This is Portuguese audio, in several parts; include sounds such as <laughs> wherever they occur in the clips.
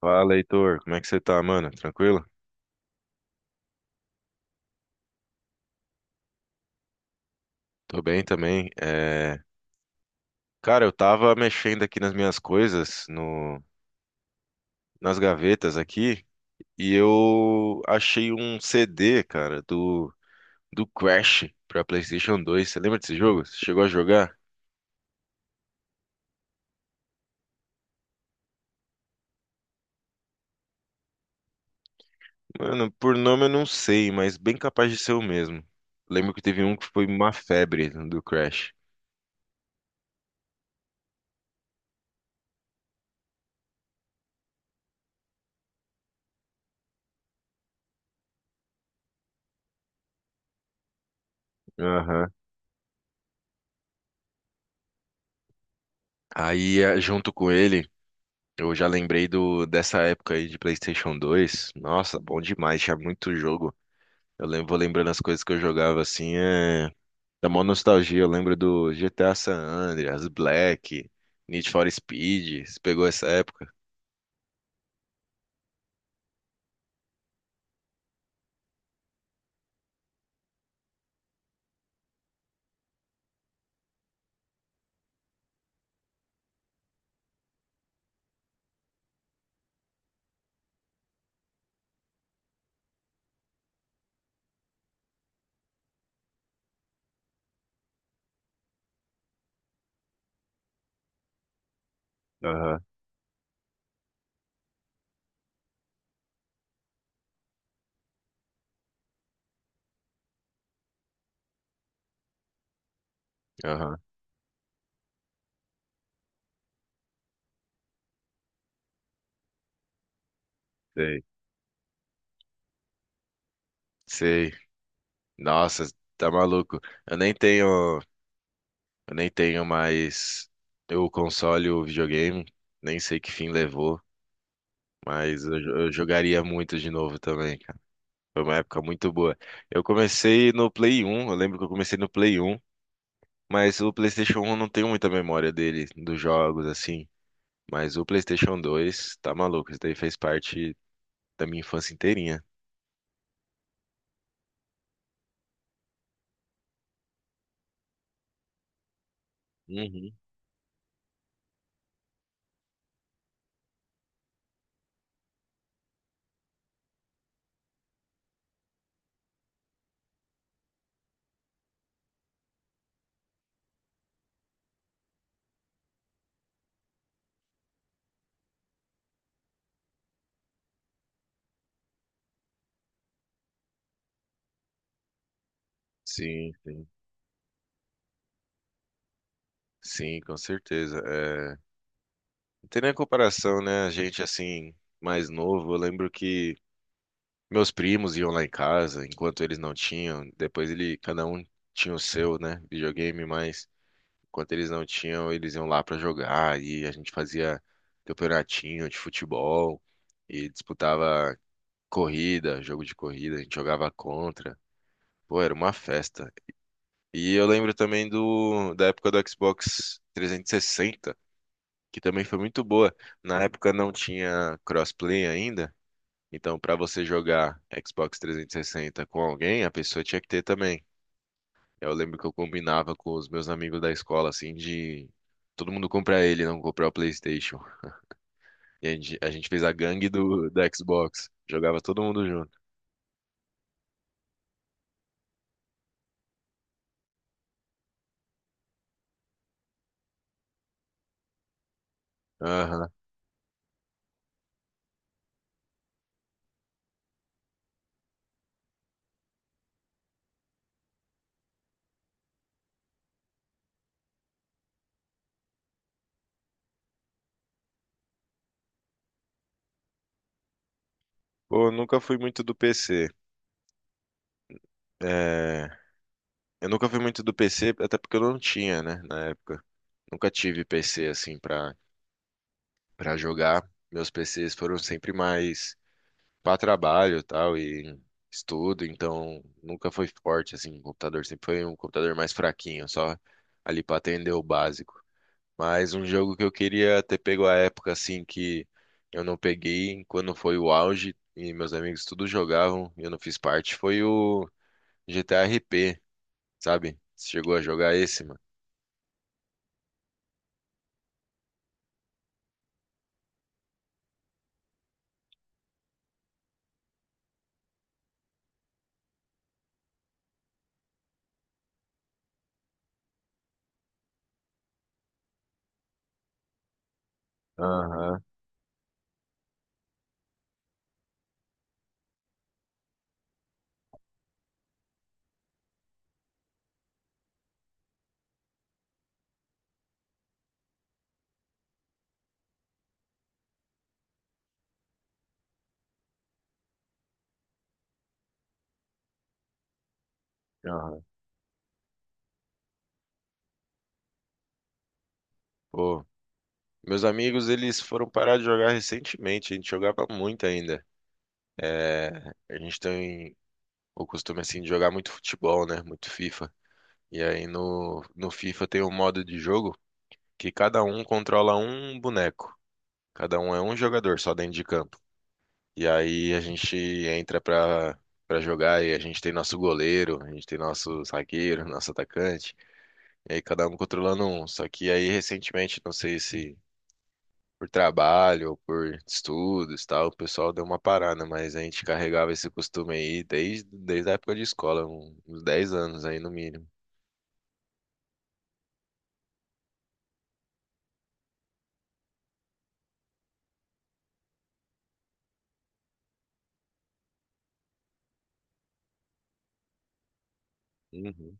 Fala, Heitor. Como é que você tá, mano? Tranquilo? Tô bem também. Cara, eu tava mexendo aqui nas minhas coisas, no... nas gavetas aqui, e eu achei um CD, cara, do Crash pra PlayStation 2. Você lembra desse jogo? Você chegou a jogar? Mano, por nome eu não sei, mas bem capaz de ser o mesmo. Lembro que teve um que foi uma febre do Crash. Aham. Aí, junto com ele, eu já lembrei dessa época aí de PlayStation 2. Nossa, bom demais, tinha muito jogo. Eu lembro, vou lembrando as coisas que eu jogava assim, dá mó nostalgia. Eu lembro do GTA San Andreas, Black, Need for Speed. Você pegou essa época? Aham, aham, sei. Sei. Nossa, tá maluco. Eu nem tenho, eu nem tenho mais o console, o videogame. Nem sei que fim levou, mas eu, eu jogaria muito de novo também. Foi uma época muito boa. Eu comecei no Play 1, eu lembro que eu comecei no Play 1, mas o PlayStation 1 não tenho muita memória dele, dos jogos assim. Mas o PlayStation 2 tá maluco, isso daí fez parte da minha infância inteirinha. Uhum. Sim, sim. Sim, com certeza. Não tem nem comparação, né? A gente, assim, mais novo, eu lembro que meus primos iam lá em casa, enquanto eles não tinham. Depois ele, cada um tinha o seu, né? Videogame, mas. Enquanto eles não tinham, eles iam lá pra jogar e a gente fazia campeonatinho de futebol e disputava corrida, jogo de corrida, a gente jogava contra. Pô, era uma festa. E eu lembro também do da época do Xbox 360, que também foi muito boa. Na época não tinha crossplay ainda, então pra você jogar Xbox 360 com alguém, a pessoa tinha que ter também. Eu lembro que eu combinava com os meus amigos da escola, assim, de todo mundo comprar ele, não comprar o PlayStation. E a gente fez a gangue do, da Xbox. Jogava todo mundo junto. Aham. Pô, eu nunca fui muito do PC. É, Eu nunca fui muito do PC, até porque eu não tinha, né, na época. Nunca tive PC, assim, pra jogar. Meus PCs foram sempre mais para trabalho, tal e estudo, então nunca foi forte assim, o computador sempre foi um computador mais fraquinho, só ali para atender o básico. Mas um jogo que eu queria ter pego a época assim que eu não peguei, quando foi o auge e meus amigos tudo jogavam e eu não fiz parte, foi o GTA RP, sabe? Você chegou a jogar esse, mano? Aham, aham. Pô, meus amigos, eles foram parar de jogar recentemente. A gente jogava muito ainda. É, a gente tem o costume assim de jogar muito futebol, né? Muito FIFA. E aí no FIFA tem um modo de jogo que cada um controla um boneco. Cada um é um jogador só dentro de campo. E aí a gente entra pra jogar e a gente tem nosso goleiro, a gente tem nosso zagueiro, nosso atacante. E aí cada um controlando um. Só que aí recentemente, não sei se por trabalho ou por estudos e tal, o pessoal deu uma parada, mas a gente carregava esse costume aí desde a época de escola, uns 10 anos aí no mínimo. Uhum.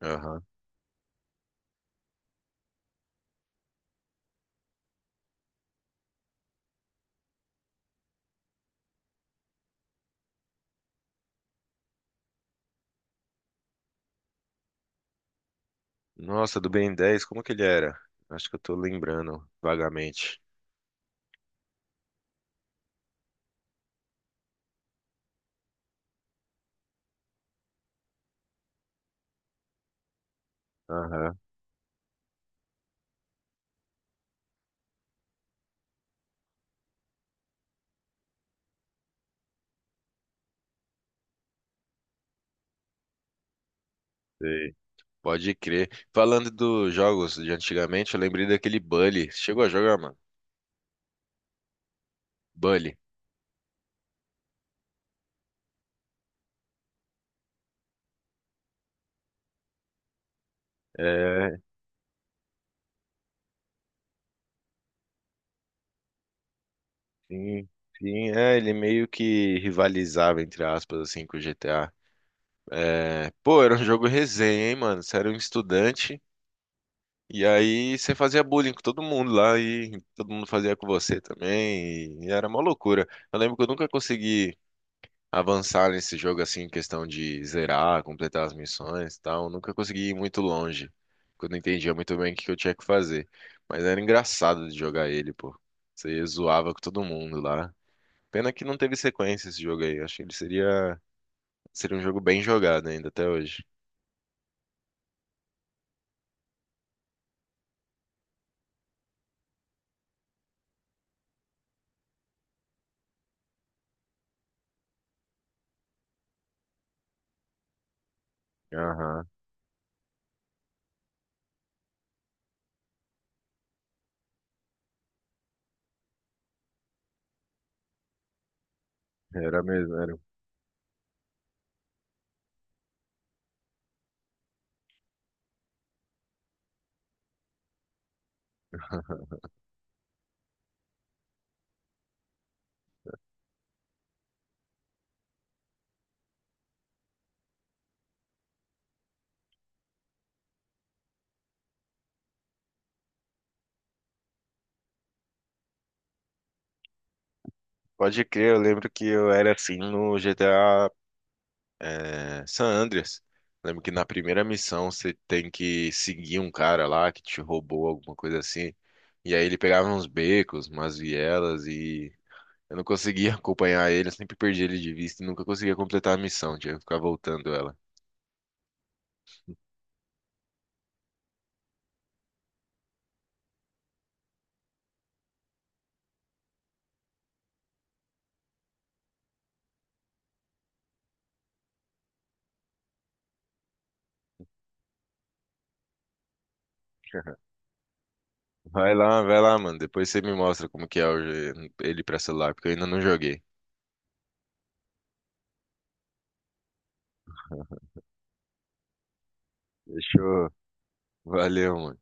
Aham. Nossa, do Ben 10, como que ele era? Acho que eu tô lembrando vagamente. Aham, sei. Pode crer. Falando dos jogos de antigamente, eu lembrei daquele Bully. Chegou a jogar, mano? Bully. É, sim, sim, ele meio que rivalizava, entre aspas, assim, com o GTA. É, pô, era um jogo resenha, hein, mano? Você era um estudante e aí você fazia bullying com todo mundo lá e todo mundo fazia com você também e, era uma loucura. Eu lembro que eu nunca consegui avançar nesse jogo assim, em questão de zerar, completar as missões e tal. Nunca consegui ir muito longe. Quando eu não entendia muito bem o que que eu tinha que fazer. Mas era engraçado de jogar ele, pô. Você zoava com todo mundo lá. Pena que não teve sequência esse jogo aí. Eu acho que ele seria, um jogo bem jogado ainda até hoje. Aham, era mesmo, era. <laughs> Pode crer, eu lembro que eu era assim no GTA San Andreas. Lembro que na primeira missão você tem que seguir um cara lá que te roubou alguma coisa assim. E aí ele pegava uns becos, umas vielas e eu não conseguia <laughs> acompanhar ele, eu sempre perdi ele de vista e nunca conseguia completar a missão, tinha que ficar voltando ela. Vai lá, mano. Depois você me mostra como que é ele pra celular, porque eu ainda não joguei. Fechou. Valeu, mano.